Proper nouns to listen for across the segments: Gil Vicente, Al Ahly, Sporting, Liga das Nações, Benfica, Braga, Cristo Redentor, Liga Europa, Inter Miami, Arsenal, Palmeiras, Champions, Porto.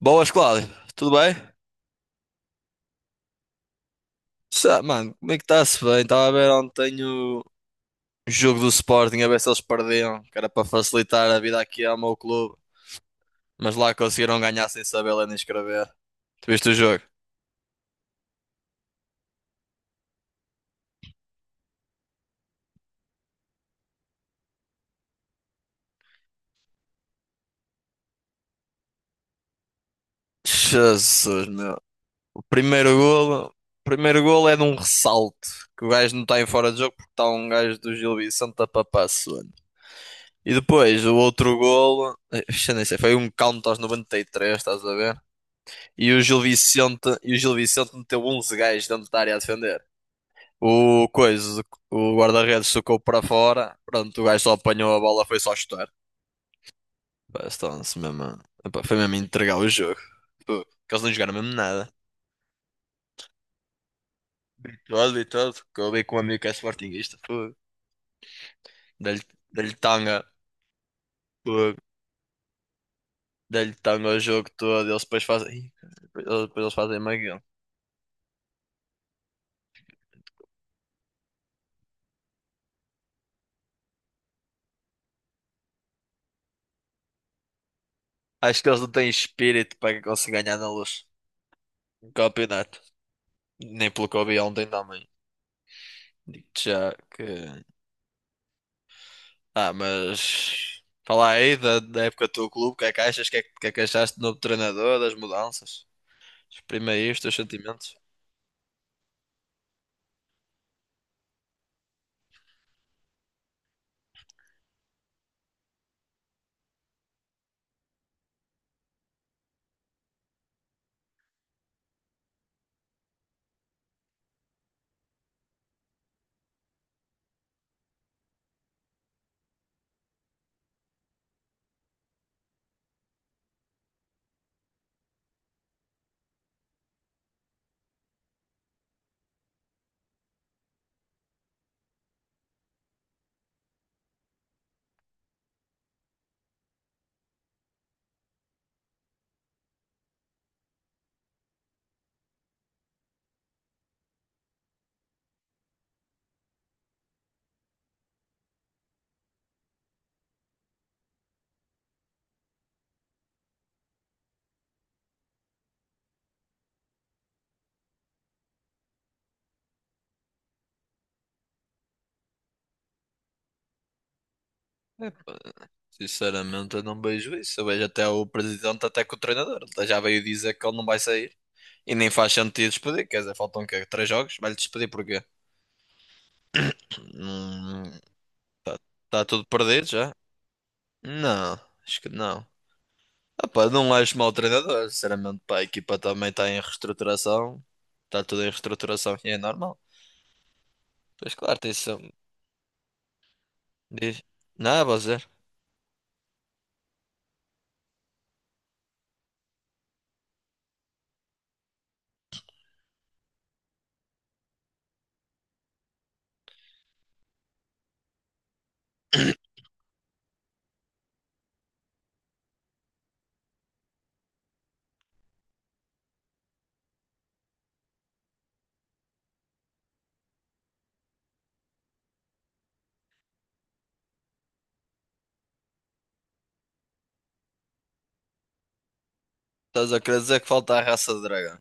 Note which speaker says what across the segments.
Speaker 1: Boas, Cláudio. Tudo bem? Mano, como é que está-se bem? Estava a ver ontem o jogo do Sporting, a ver se eles perdiam, que era para facilitar a vida aqui ao meu clube. Mas lá conseguiram ganhar sem saber ler nem escrever. Tu viste o jogo? Jesus, meu. O primeiro golo é de um ressalto, que o gajo não está em fora de jogo porque está um gajo do Gil Vicente a papar suando. E depois, o outro golo, já nem sei, foi um count aos 93, estás a ver? E o Gil Vicente meteu 11 gajos dentro da área a defender. O coisa, o guarda-redes socou para fora. Pronto, o gajo só apanhou a bola, foi só chutar. Pá, estão-se mesmo. Epá, foi mesmo a entregar o jogo. Pô, que eles não jogaram mesmo nada. E todo e tudo que eu vi com um amigo que é sportinguista. Pô, dei-lhe dei-lhe tanga. Pô, dei-lhe tanga o jogo todo. Eles depois fazem. Ih, depois eles fazem maguinho. Acho que eles não têm espírito para conseguir ganhar na luz. Um campeonato. Nem pelo que eu vi ontem também. Digo-te já que. Ah, mas. Fala aí da época do teu clube, o que é que achas? O que é que achaste do novo treinador, das mudanças? Exprime aí os teus sentimentos. Sinceramente, eu não vejo isso. Eu vejo até o presidente, até que o treinador. Ele já veio dizer que ele não vai sair. E nem faz sentido despedir. Quer dizer, faltam o quê? Três jogos? Vai-lhe despedir porquê? Hum, tá, tá tudo perdido já? Não, acho que não. Ah, pá, não acho mau treinador, sinceramente, pá, a equipa também está em reestruturação, está tudo em reestruturação e é normal. Pois claro, tem isso. Diz. Não, você. Estás a querer dizer que falta a raça de dragão.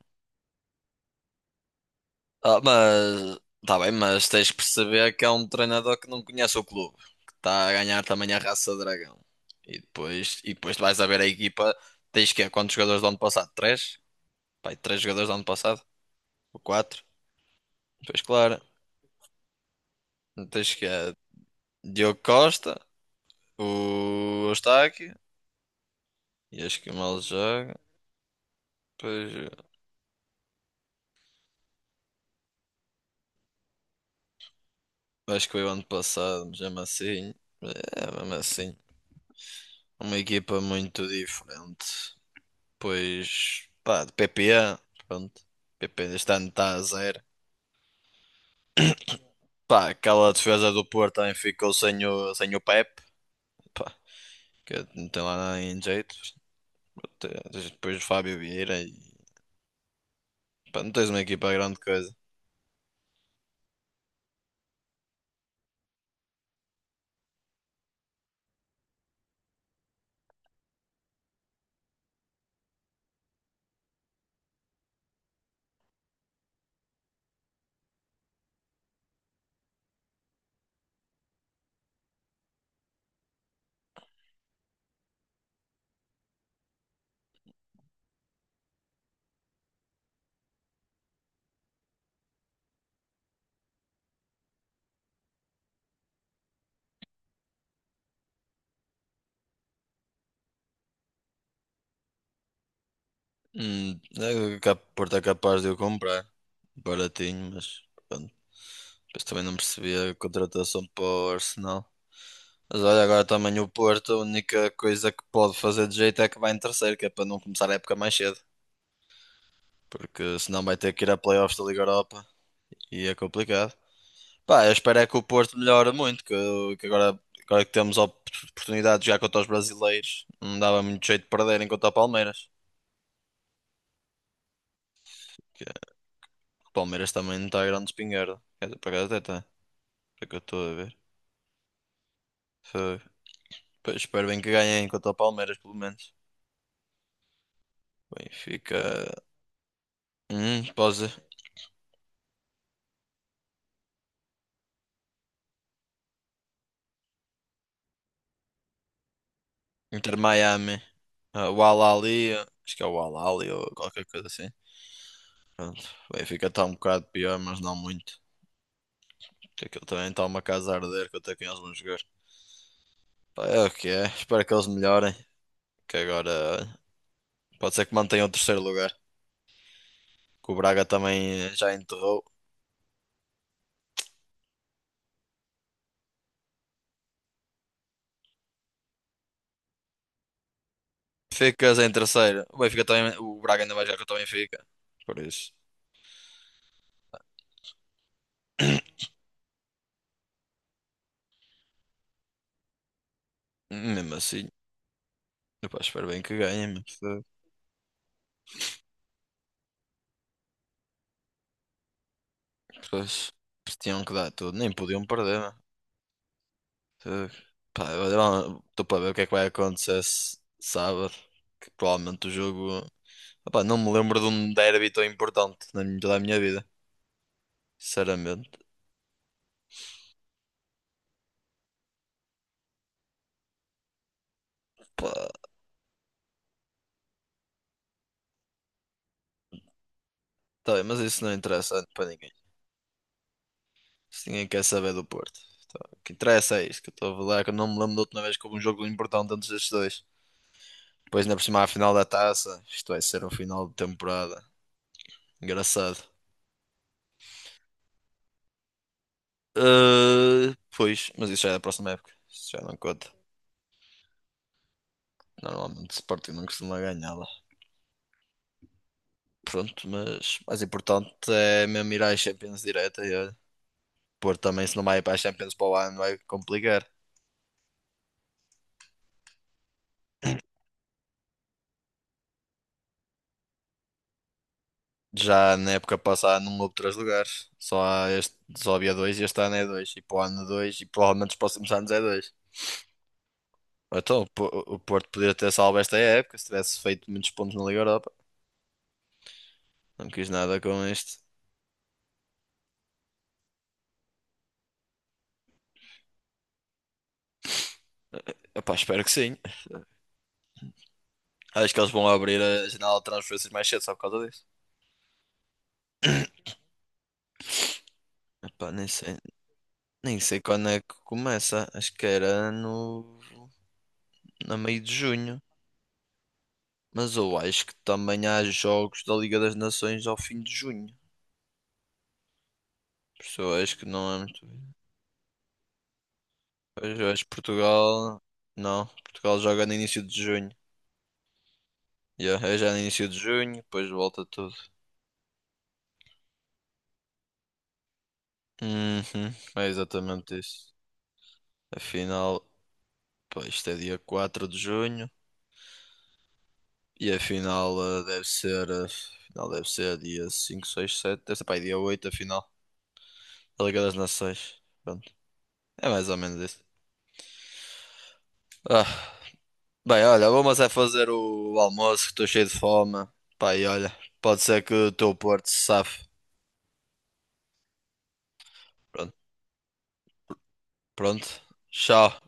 Speaker 1: Ah, mas. Tá bem, mas tens que perceber que é um treinador que não conhece o clube, que está a ganhar também a raça de dragão. E depois vais a ver a equipa, tens que é quantos jogadores do ano passado? Três? Pai, três jogadores do ano passado? Ou quatro? Pois claro, tens que é Diogo Costa. O Eustáquio, e acho que mal joga. Pois, acho que foi o ano passado, mas mesmo assim. É, mesmo assim. Uma equipa muito diferente. Pois, pá, de PPA, pronto. PP este ano está a zero. Pá, aquela defesa do Porto também ficou sem o Pepe, pá, que não tem lá nada em jeito. Tens depois o Fábio Vieira e, pá, não tens uma equipa grande coisa. É que o Porto é capaz de eu comprar. Baratinho, mas depois também não percebi a contratação para o Arsenal. Mas olha, agora também o Porto, a única coisa que pode fazer de jeito é que vai em terceiro, que é para não começar a época mais cedo. Porque senão vai ter que ir a playoffs da Liga Europa e é complicado. Pá, eu espero é que o Porto melhore muito, que agora, agora que temos a oportunidade de jogar contra os brasileiros, não dava muito jeito de perderem contra o Palmeiras. Que o Palmeiras também não está grande espingarda. Quer dizer, por acaso até está, é que eu estou a ver. Foi. Pois, espero bem que ganhem contra o Palmeiras, pelo menos. Benfica. Pode. Inter Miami. Ah, o Al Ahly, acho que é o Al Ahly ou qualquer coisa assim. Pronto. O Benfica está um bocado pior, mas não muito. Porque aquilo também está uma casa a arder que eu até quem eles vão jogar. Pá, é o que é. Espero que eles melhorem. Que agora olha, pode ser que mantenham o terceiro lugar. Que o Braga também já enterrou. Ficas em terceiro. O Benfica também. O Braga ainda vai jogar contra o Benfica. Por isso. Mesmo assim. Epá, espero bem que ganhem, mas pois, eles tinham que dar tudo, nem podiam perder, mano. Fogo. Pá, eu estou para ver o que é que vai acontecer sábado. Que provavelmente o jogo. Opá, não me lembro de um derby tão importante na toda a minha vida. Sinceramente. Pá, tá bem, mas isso não interessa para ninguém. Se ninguém quer saber do Porto. Tá, o que interessa é isto que eu estou a falar, é que eu não me lembro da última vez que houve um jogo importante entre estes dois. Depois, na próxima a final da taça, isto vai ser um final de temporada. Engraçado. Ah, pois, mas isso já é da próxima época. Isso já não conta. Normalmente o Sporting não costuma ganhar lá. Pronto, mas mais importante é mesmo ir à Champions direta e olha, Porto também se não vai ir para a Champions para o ano vai complicar. Já na época passada não houve três lugares, só, há este, só havia dois e este ano é dois, e para o ano dois, e provavelmente os próximos anos é dois. Então, o Porto poderia ter salvo esta época se tivesse feito muitos pontos na Liga Europa. Não quis nada com isto. Epá, espero que sim. Acho que eles vão abrir a janela de transferências mais cedo só por causa disso. Epá, nem sei quando é que começa. Acho que era no. Na meio de junho. Mas eu acho que também há jogos da Liga das Nações ao fim de junho. Por isso eu acho que não é muito. Pois eu acho que Portugal. Não, Portugal joga no início de junho. Yeah, é já no início de junho, depois volta tudo. Uhum, é exatamente isso. A final, pá, isto é dia 4 de junho. E a final a final deve ser dia 5, 6, 7, deve ser, pá, dia 8 a final. Da Liga das Nações. Pronto. É mais ou menos isso. Ah, bem, olha, vamos é fazer o almoço, que estou cheio de fome. Pá, e olha, pode ser que o teu Porto se safe. Pronto, pronto. Tchau.